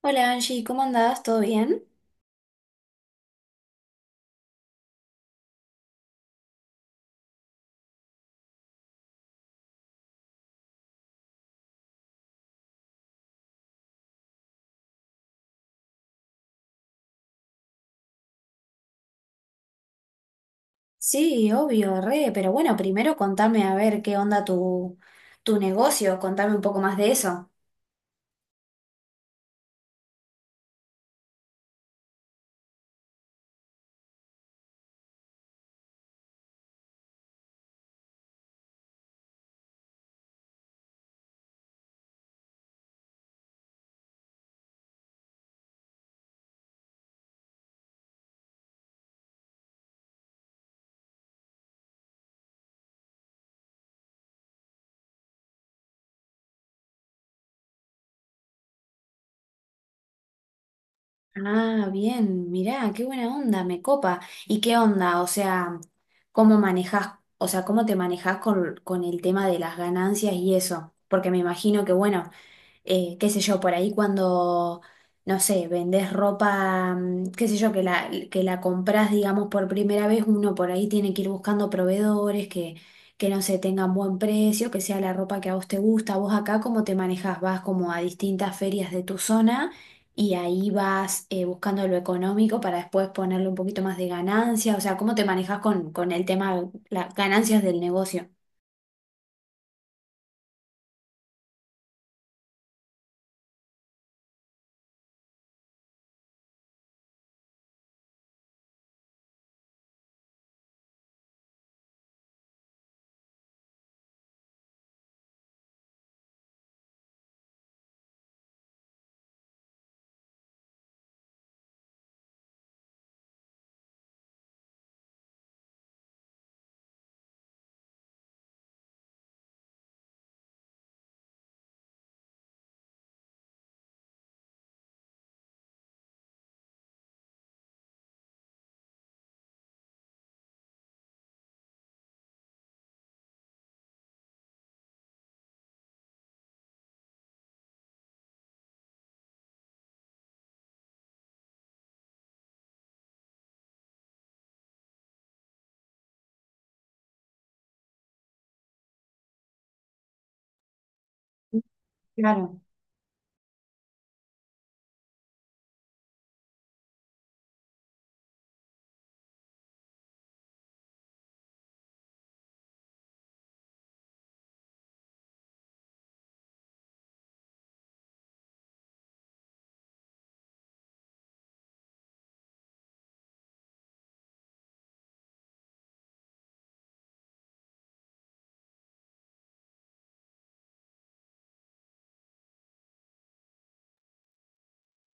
Hola Angie, ¿cómo andás? ¿Todo bien? Sí, obvio, re, pero bueno, primero contame a ver qué onda tu negocio, contame un poco más de eso. Ah, bien, mirá, qué buena onda, me copa. ¿Y qué onda? O sea, ¿cómo manejás, o sea, cómo te manejás con el tema de las ganancias y eso? Porque me imagino que, bueno, qué sé yo, por ahí cuando, no sé, vendés ropa, qué sé yo, que la comprás, digamos, por primera vez, uno por ahí tiene que ir buscando proveedores que no se tengan buen precio, que sea la ropa que a vos te gusta. Vos acá, ¿cómo te manejás? Vas como a distintas ferias de tu zona y ahí vas buscando lo económico para después ponerle un poquito más de ganancia. O sea, ¿cómo te manejás con el tema, las ganancias del negocio? Claro.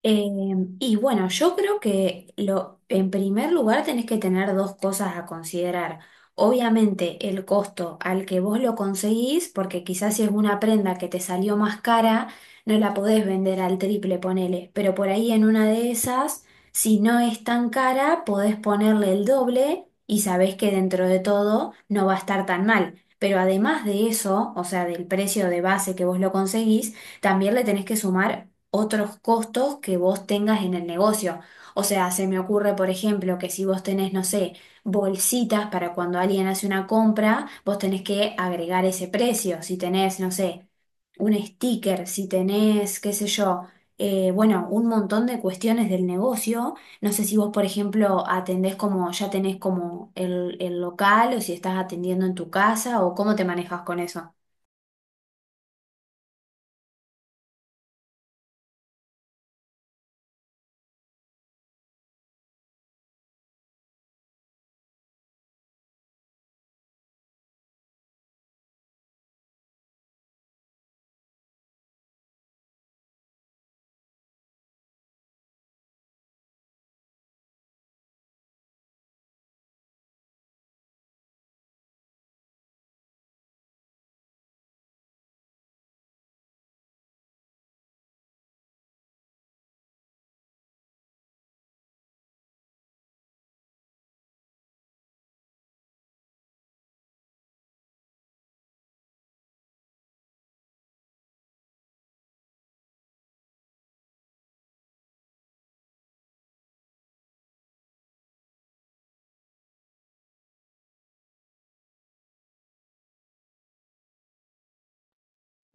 Eh, y bueno, yo creo que lo, en primer lugar tenés que tener dos cosas a considerar. Obviamente el costo al que vos lo conseguís, porque quizás si es una prenda que te salió más cara, no la podés vender al triple, ponele. Pero por ahí en una de esas, si no es tan cara, podés ponerle el doble y sabés que dentro de todo no va a estar tan mal. Pero además de eso, o sea, del precio de base que vos lo conseguís, también le tenés que sumar otros costos que vos tengas en el negocio. O sea, se me ocurre, por ejemplo, que si vos tenés, no sé, bolsitas para cuando alguien hace una compra, vos tenés que agregar ese precio. Si tenés, no sé, un sticker, si tenés, qué sé yo, bueno, un montón de cuestiones del negocio. No sé si vos, por ejemplo, atendés como, ya tenés como el local o si estás atendiendo en tu casa o cómo te manejas con eso.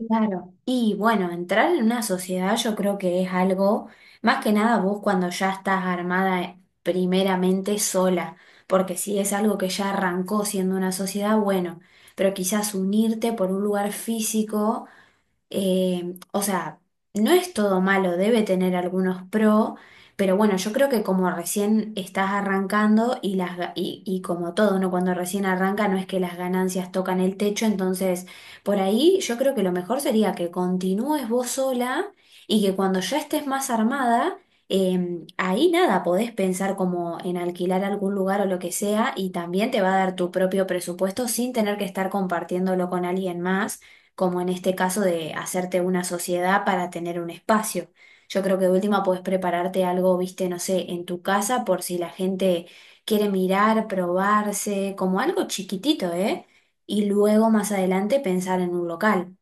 Claro, y bueno, entrar en una sociedad yo creo que es algo, más que nada vos cuando ya estás armada primeramente sola, porque si es algo que ya arrancó siendo una sociedad, bueno, pero quizás unirte por un lugar físico o sea, no es todo malo, debe tener algunos pro, pero bueno, yo creo que como recién estás arrancando y como todo, ¿no? Cuando recién arranca no es que las ganancias tocan el techo, entonces por ahí yo creo que lo mejor sería que continúes vos sola y que cuando ya estés más armada, ahí nada, podés pensar como en alquilar algún lugar o lo que sea y también te va a dar tu propio presupuesto sin tener que estar compartiéndolo con alguien más como en este caso de hacerte una sociedad para tener un espacio. Yo creo que de última podés prepararte algo, viste, no sé, en tu casa por si la gente quiere mirar, probarse, como algo chiquitito, ¿eh? Y luego más adelante pensar en un local.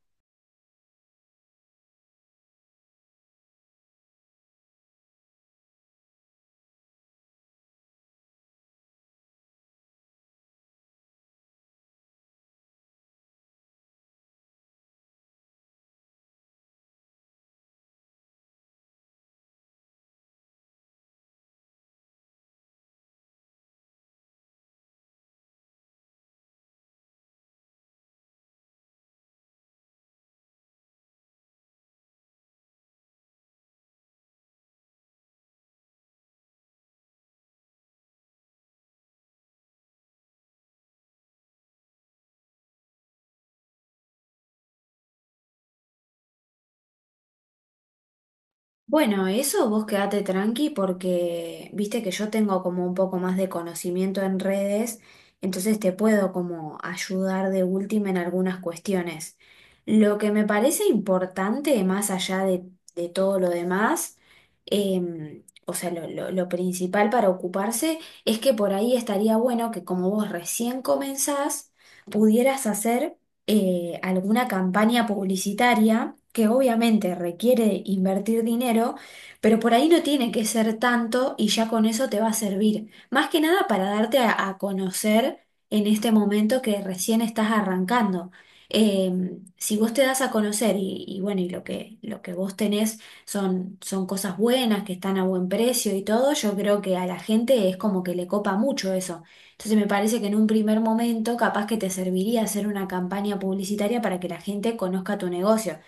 Bueno, eso vos quedate tranqui porque viste que yo tengo como un poco más de conocimiento en redes, entonces te puedo como ayudar de última en algunas cuestiones. Lo que me parece importante, más allá de todo lo demás, o sea, lo principal para ocuparse es que por ahí estaría bueno que como vos recién comenzás, pudieras hacer alguna campaña publicitaria que obviamente requiere invertir dinero, pero por ahí no tiene que ser tanto y ya con eso te va a servir. Más que nada para darte a conocer en este momento que recién estás arrancando. Eh, si vos te das a conocer y bueno, y lo que vos tenés son cosas buenas, que están a buen precio y todo, yo creo que a la gente es como que le copa mucho eso. Entonces me parece que en un primer momento capaz que te serviría hacer una campaña publicitaria para que la gente conozca tu negocio.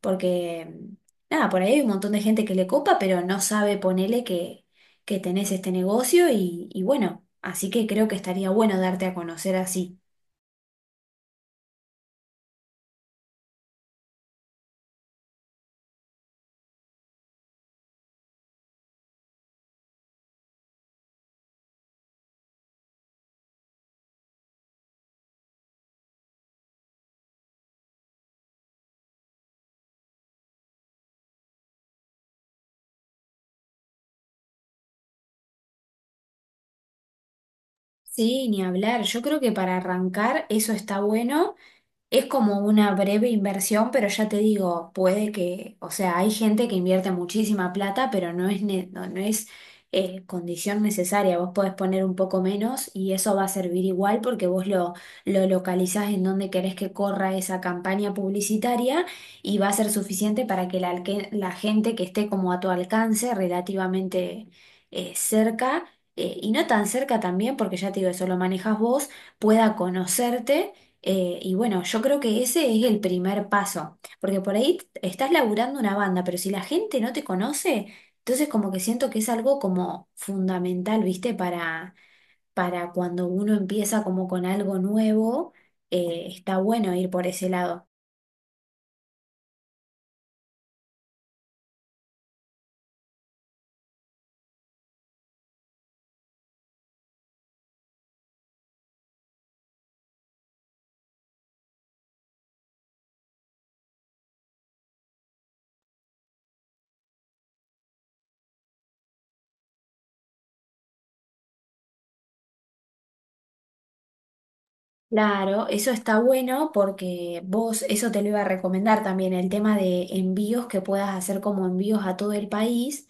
Porque, nada, por ahí hay un montón de gente que le copa, pero no sabe ponele que tenés este negocio y bueno, así que creo que estaría bueno darte a conocer así. Sí, ni hablar. Yo creo que para arrancar eso está bueno. Es como una breve inversión, pero ya te digo, puede que, o sea, hay gente que invierte muchísima plata, pero no es, no es condición necesaria. Vos podés poner un poco menos y eso va a servir igual porque lo localizás en donde querés que corra esa campaña publicitaria y va a ser suficiente para que la gente que esté como a tu alcance relativamente cerca, y no tan cerca también, porque ya te digo, eso lo manejas vos, pueda conocerte y bueno, yo creo que ese es el primer paso, porque por ahí t- estás laburando una banda, pero si la gente no te conoce, entonces como que siento que es algo como fundamental, ¿viste? Para cuando uno empieza como con algo nuevo, está bueno ir por ese lado. Claro, eso está bueno porque vos, eso te lo iba a recomendar también, el tema de envíos que puedas hacer como envíos a todo el país.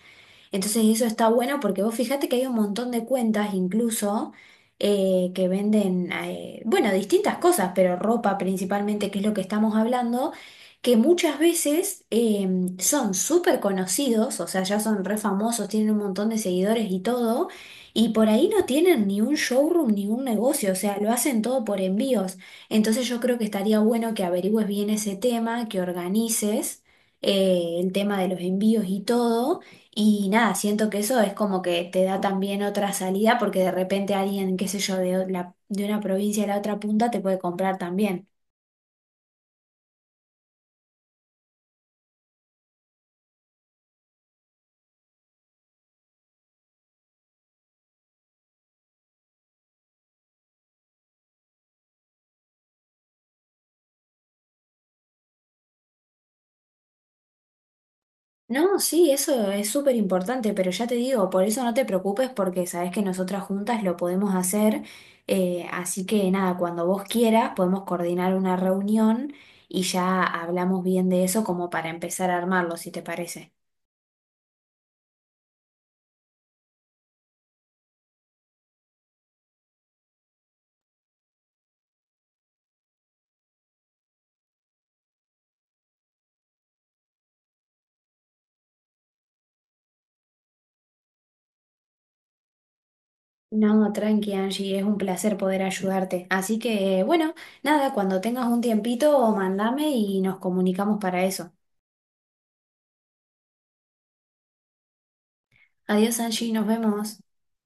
Entonces eso está bueno porque vos fijate que hay un montón de cuentas incluso que venden, bueno, distintas cosas, pero ropa principalmente, que es lo que estamos hablando, que muchas veces son súper conocidos, o sea, ya son re famosos, tienen un montón de seguidores y todo, y por ahí no tienen ni un showroom ni un negocio, o sea, lo hacen todo por envíos. Entonces yo creo que estaría bueno que averigües bien ese tema, que organices el tema de los envíos y todo y nada, siento que eso es como que te da también otra salida porque de repente alguien, qué sé yo, de una provincia a la otra punta te puede comprar también. No, sí, eso es súper importante, pero ya te digo, por eso no te preocupes porque sabes que nosotras juntas lo podemos hacer. Así que nada, cuando vos quieras podemos coordinar una reunión y ya hablamos bien de eso como para empezar a armarlo, si te parece. No, tranqui Angie, es un placer poder ayudarte. Así que, bueno, nada, cuando tengas un tiempito, mandame y nos comunicamos para eso. Adiós Angie, nos vemos.